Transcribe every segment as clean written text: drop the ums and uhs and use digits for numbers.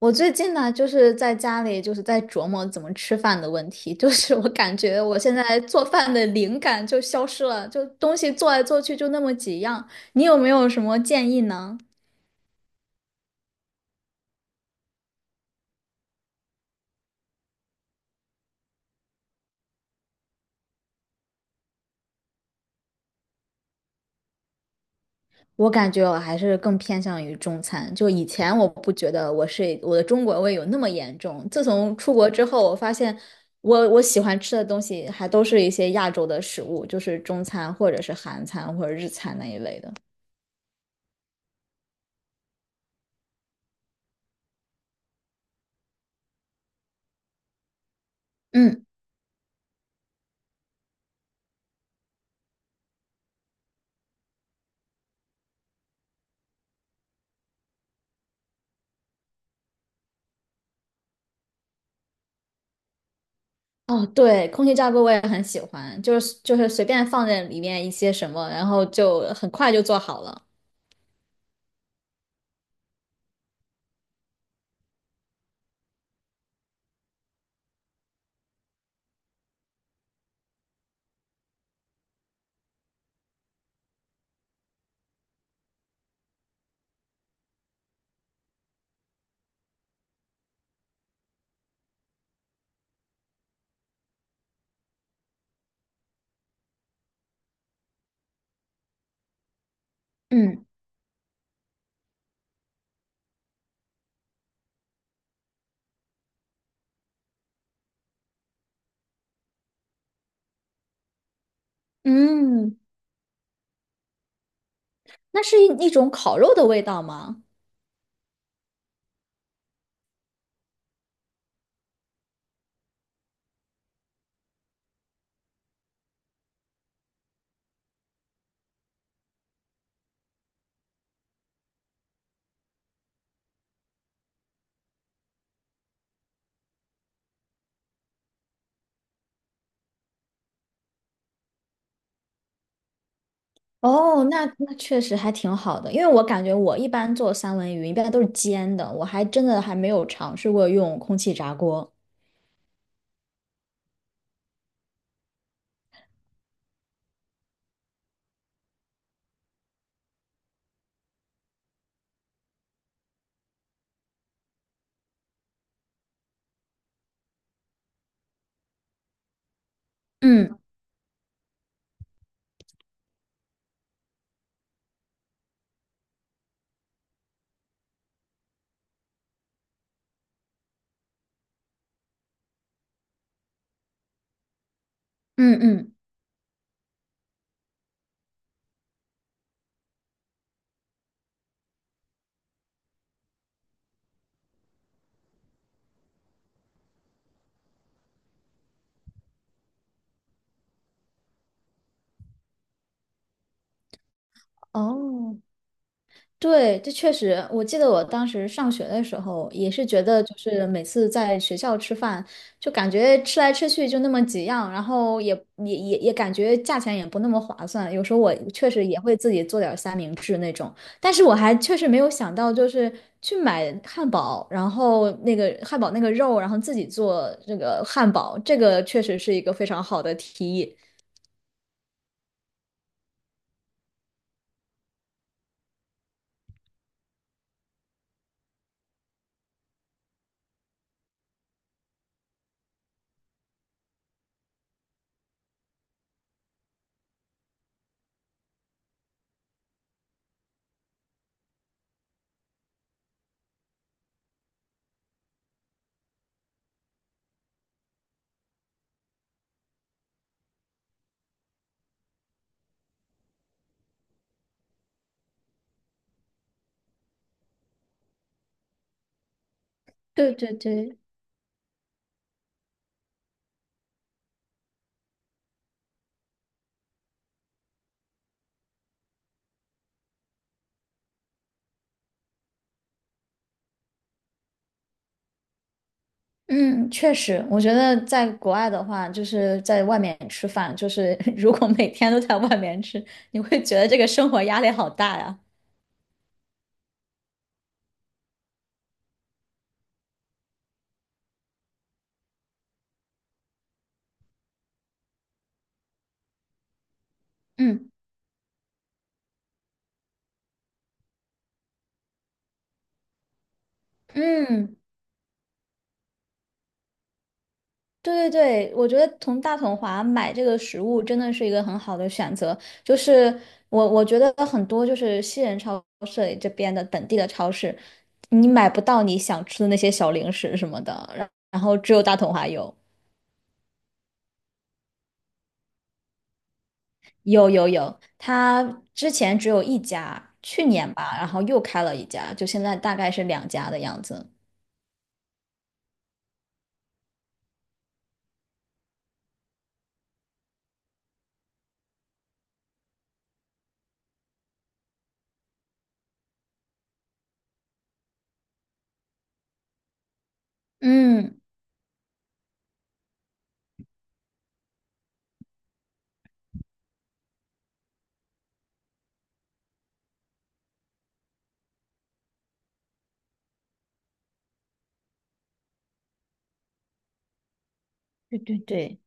我最近呢，就是在家里，就是在琢磨怎么吃饭的问题。就是我感觉我现在做饭的灵感就消失了，就东西做来做去就那么几样。你有没有什么建议呢？我感觉我还是更偏向于中餐。就以前我不觉得我是我的中国胃有那么严重，自从出国之后，我发现我喜欢吃的东西还都是一些亚洲的食物，就是中餐或者是韩餐或者日餐那一类的。嗯。哦，对，空气炸锅我也很喜欢，就是随便放在里面一些什么，然后就很快就做好了。嗯，嗯，那是一种烤肉的味道吗？哦，那那确实还挺好的，因为我感觉我一般做三文鱼一般都是煎的，我还真的还没有尝试过用空气炸锅。嗯嗯嗯，哦，对，这确实，我记得我当时上学的时候，也是觉得就是每次在学校吃饭，就感觉吃来吃去就那么几样，然后也感觉价钱也不那么划算。有时候我确实也会自己做点儿三明治那种，但是我还确实没有想到，就是去买汉堡，然后那个汉堡那个肉，然后自己做这个汉堡，这个确实是一个非常好的提议。对对对，嗯，确实，我觉得在国外的话，就是在外面吃饭，就是 如果每天都在外面吃，你会觉得这个生活压力好大呀。嗯嗯，对对对，我觉得从大统华买这个食物真的是一个很好的选择。就是我觉得很多就是西人超市里这边的本地的超市，你买不到你想吃的那些小零食什么的，然后只有大统华有。有有有，他之前只有一家，去年吧，然后又开了一家，就现在大概是两家的样子。嗯，对对对。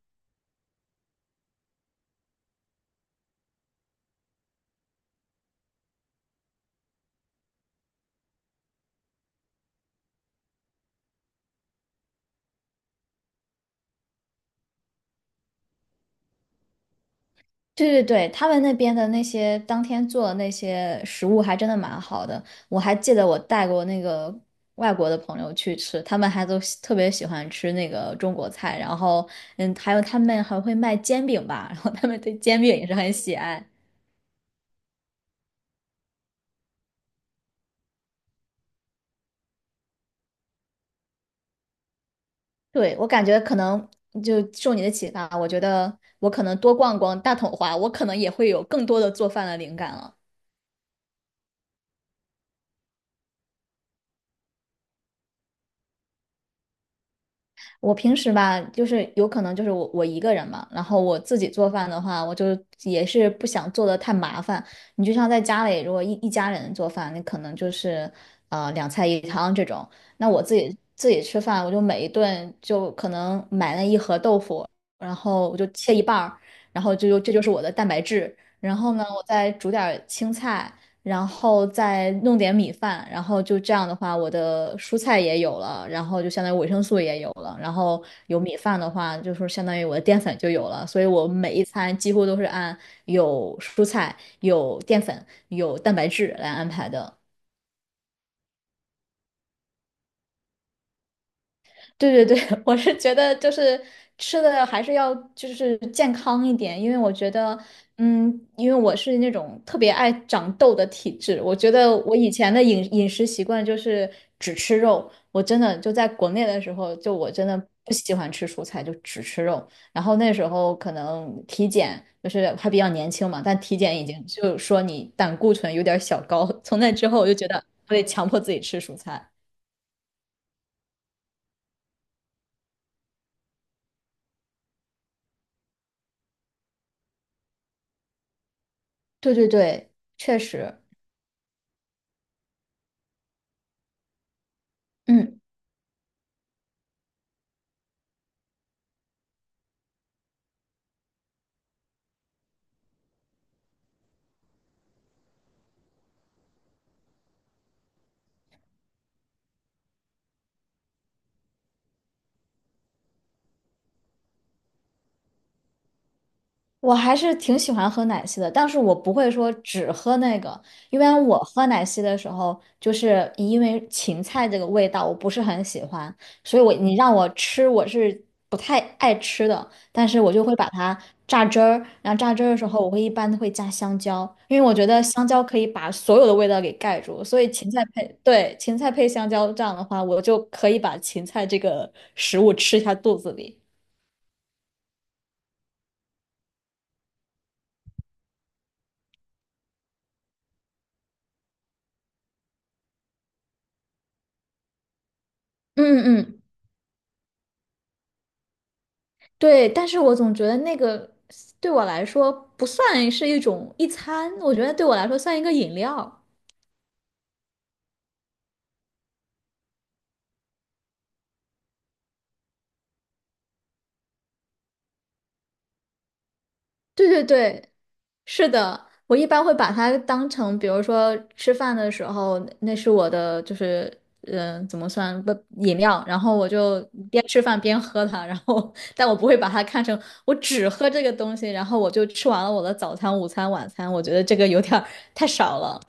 对对对，他们那边的那些当天做的那些食物还真的蛮好的，我还记得我带过那个外国的朋友去吃，他们还都特别喜欢吃那个中国菜，然后嗯，还有他们还会卖煎饼吧，然后他们对煎饼也是很喜爱。对，我感觉可能就受你的启发，我觉得我可能多逛逛大统华，我可能也会有更多的做饭的灵感了。我平时吧，就是有可能就是我一个人嘛，然后我自己做饭的话，我就也是不想做的太麻烦。你就像在家里，如果一家人做饭，你可能就是两菜一汤这种。那我自己吃饭，我就每一顿就可能买了一盒豆腐，然后我就切一半儿，然后就这就是我的蛋白质。然后呢，我再煮点儿青菜，然后再弄点米饭，然后就这样的话，我的蔬菜也有了，然后就相当于维生素也有了，然后有米饭的话，就是相当于我的淀粉就有了，所以我每一餐几乎都是按有蔬菜、有淀粉、有蛋白质来安排的。对对对，我是觉得就是吃的还是要就是健康一点，因为我觉得，嗯，因为我是那种特别爱长痘的体质，我觉得我以前的饮食习惯就是只吃肉，我真的就在国内的时候，就我真的不喜欢吃蔬菜，就只吃肉。然后那时候可能体检就是还比较年轻嘛，但体检已经就说你胆固醇有点儿小高，从那之后我就觉得我得强迫自己吃蔬菜。对对对，确实。嗯。我还是挺喜欢喝奶昔的，但是我不会说只喝那个，因为我喝奶昔的时候，就是因为芹菜这个味道我不是很喜欢，所以我你让我吃我是不太爱吃的，但是我就会把它榨汁儿，然后榨汁儿的时候我一般会加香蕉，因为我觉得香蕉可以把所有的味道给盖住，所以芹菜配，对，芹菜配香蕉这样的话，我就可以把芹菜这个食物吃下肚子里。嗯嗯。对，但是我总觉得那个对我来说不算是一餐，我觉得对我来说算一个饮料。对对对，是的，我一般会把它当成，比如说吃饭的时候，那是我的就是怎么算不饮料，然后我就边吃饭边喝它，然后 但我不会把它看成我只喝这个东西，然后我就吃完了我的早餐、午餐、晚餐，我觉得这个有点儿太少了。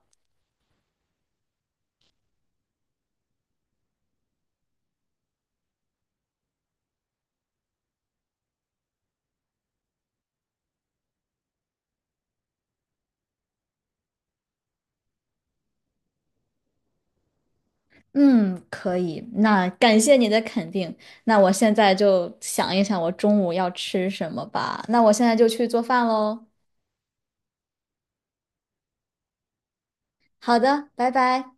嗯，可以。那感谢你的肯定。那我现在就想一想我中午要吃什么吧。那我现在就去做饭喽。好的，拜拜。